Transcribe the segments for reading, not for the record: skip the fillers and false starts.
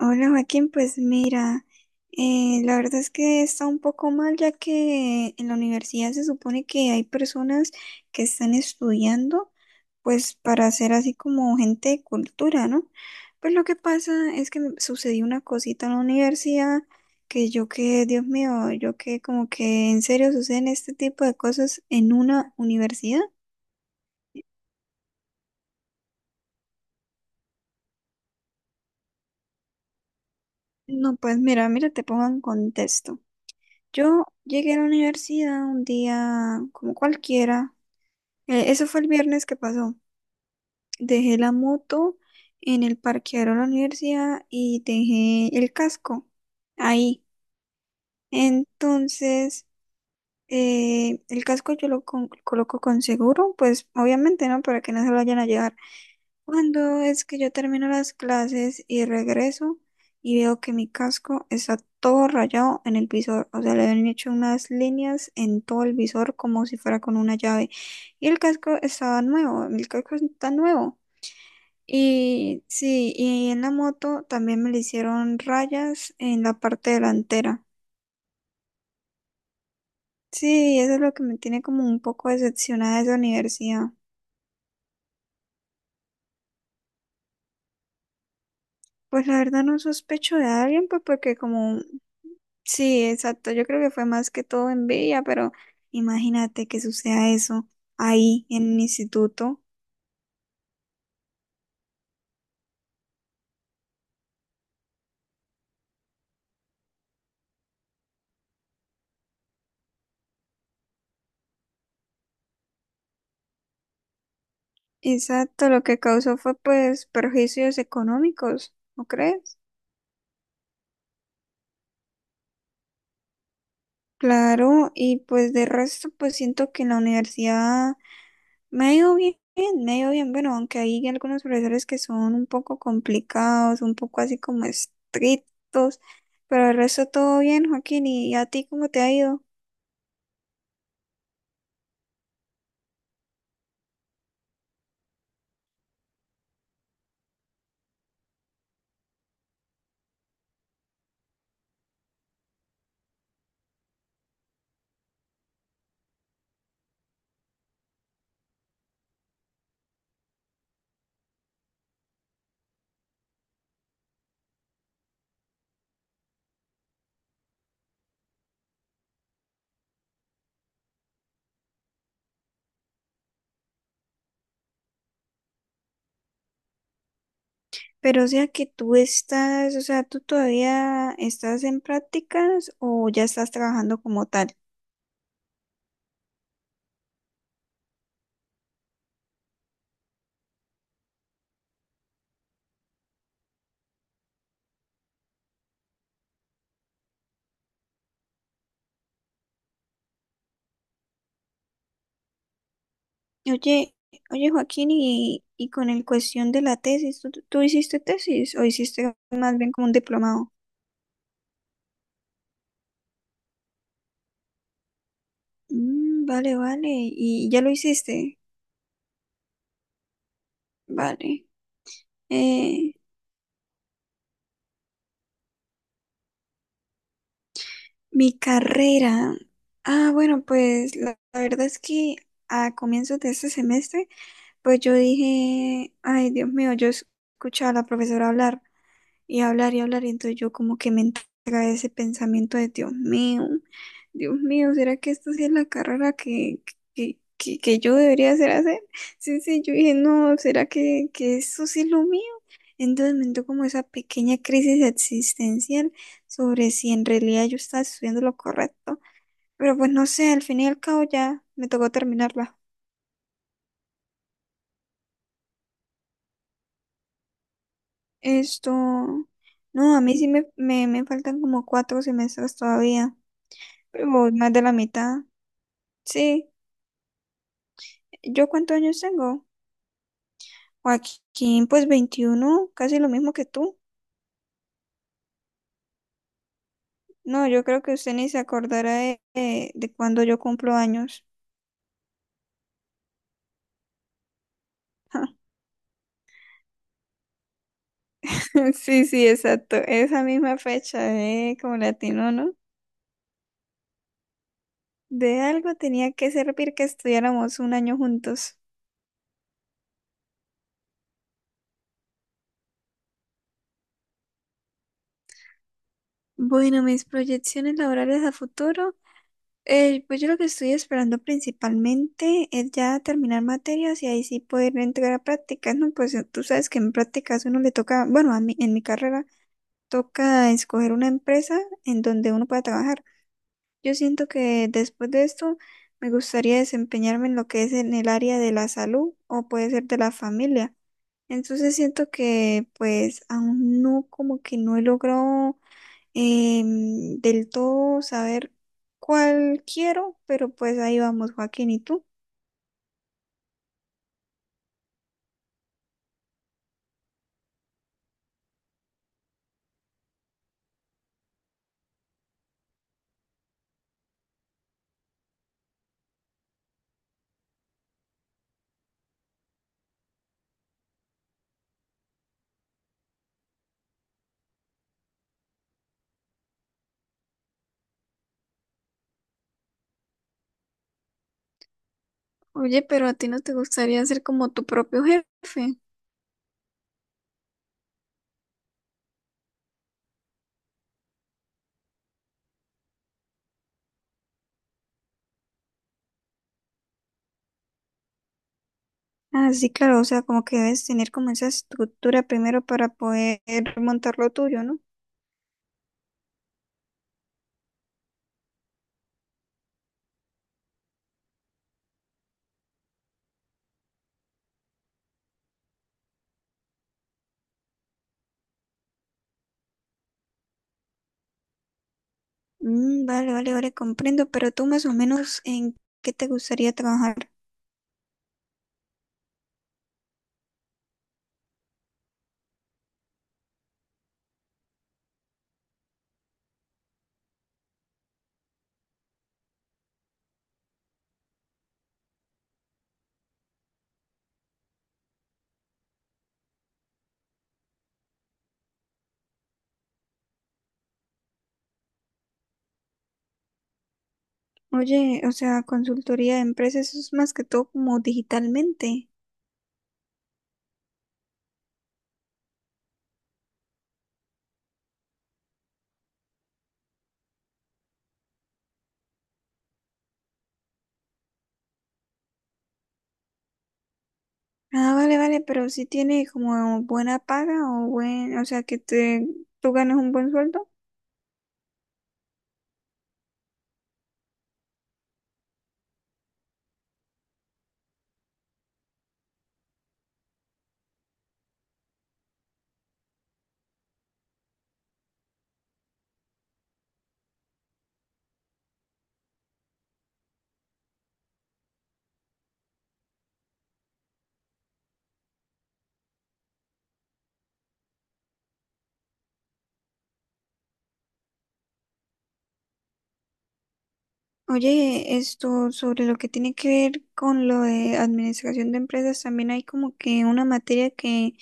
Hola Joaquín, pues mira, la verdad es que está un poco mal ya que en la universidad se supone que hay personas que están estudiando pues para ser así como gente de cultura, ¿no? Pues lo que pasa es que me sucedió una cosita en la universidad que Dios mío, yo que como que en serio suceden este tipo de cosas en una universidad. No, pues mira, mira, te pongo en contexto. Yo llegué a la universidad un día como cualquiera. Eso fue el viernes que pasó. Dejé la moto en el parqueadero de la universidad y dejé el casco ahí. Entonces, el casco yo lo coloco con seguro, pues obviamente, ¿no? Para que no se lo vayan a llevar. Cuando es que yo termino las clases y regreso y veo que mi casco está todo rayado en el visor, o sea, le habían hecho unas líneas en todo el visor como si fuera con una llave. Y el casco estaba nuevo, el casco está nuevo. Y sí, y en la moto también me le hicieron rayas en la parte delantera. Sí, eso es lo que me tiene como un poco decepcionada de esa universidad. Pues la verdad no sospecho de alguien, pues porque como. Sí, exacto. Yo creo que fue más que todo envidia, pero imagínate que suceda eso ahí en un instituto. Exacto, lo que causó fue pues perjuicios económicos, ¿no crees? Claro, y pues de resto pues siento que en la universidad me ha ido bien, me ha ido bien, bueno, aunque hay algunos profesores que son un poco complicados, un poco así como estrictos, pero el resto todo bien, Joaquín, ¿y a ti cómo te ha ido? Pero o sea que tú estás, o sea, tú todavía estás en prácticas o ya estás trabajando como tal. Oye, oye Joaquín, y con el cuestión de la tesis, ¿tú hiciste tesis o hiciste más bien como un diplomado? Mm, vale, vale, y ya lo hiciste. Vale. Eh, mi carrera. Ah, bueno, pues la verdad es que a comienzos de este semestre, pues yo dije, ay, Dios mío, yo escuchaba a la profesora hablar y hablar y hablar, y entonces yo como que me entra ese pensamiento de Dios mío, ¿será que esta sí es la carrera que, que yo debería hacer? Sí, sí, yo dije, no, ¿será que eso sí es lo mío? Entonces me entró como esa pequeña crisis existencial sobre si en realidad yo estaba estudiando lo correcto. Pero pues no sé, al fin y al cabo ya me tocó terminarla. Esto, no, a mí sí me faltan como 4 semestres todavía, pero voy más de la mitad. Sí, ¿yo cuántos años tengo? Joaquín, pues 21, casi lo mismo que tú. No, yo creo que usted ni se acordará de, de cuando yo cumplo años. Sí, sí, exacto. Esa misma fecha, como latino, ¿no? De algo tenía que servir que estuviéramos un año juntos. Bueno, mis proyecciones laborales a futuro. Pues yo lo que estoy esperando principalmente es ya terminar materias y ahí sí poder entrar a prácticas, ¿no? Pues tú sabes que en prácticas uno le toca, bueno, a mí, en mi carrera toca escoger una empresa en donde uno pueda trabajar. Yo siento que después de esto me gustaría desempeñarme en lo que es en el área de la salud o puede ser de la familia. Entonces siento que pues aún no como que no he logrado del todo saber cuál quiero, pero pues ahí vamos, Joaquín, ¿y tú? Oye, pero a ti no te gustaría ser como tu propio jefe. Ah, sí, claro, o sea, como que debes tener como esa estructura primero para poder montar lo tuyo, ¿no? Mm, vale, vale, vale, comprendo, pero tú más o menos en qué te gustaría trabajar. Oye, o sea, consultoría de empresas, eso es más que todo como digitalmente. Ah, vale, vale, pero si tiene como buena paga o buen, o sea, que te, tú ganas un buen sueldo. Oye, esto sobre lo que tiene que ver con lo de administración de empresas, también hay como que una materia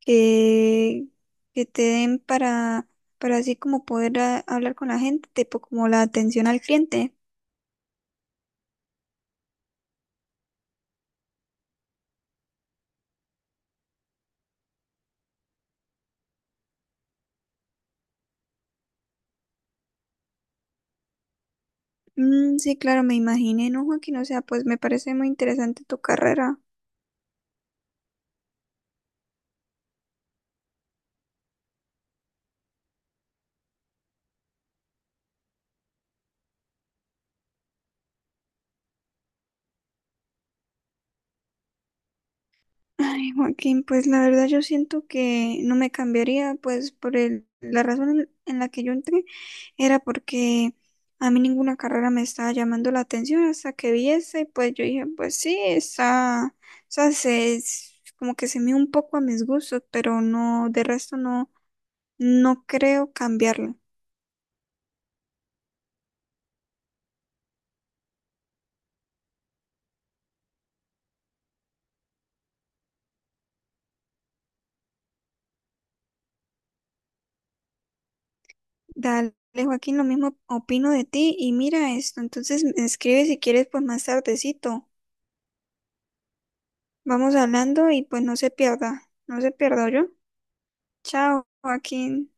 que, que te den para así como poder hablar con la gente, tipo como la atención al cliente. Mm, sí, claro, me imaginé, ¿no, Joaquín? O sea, pues me parece muy interesante tu carrera. Ay, Joaquín, pues la verdad yo siento que no me cambiaría, pues por el, la razón en la que yo entré era porque a mí ninguna carrera me estaba llamando la atención hasta que vi esa y pues yo dije, pues sí, está, o sea, se, es como que se me un poco a mis gustos, pero no, de resto no, no creo cambiarla. Dale, Joaquín, lo mismo opino de ti y mira esto, entonces me escribe si quieres pues más tardecito. Vamos hablando y pues no se pierda, no se pierda yo. Chao, Joaquín.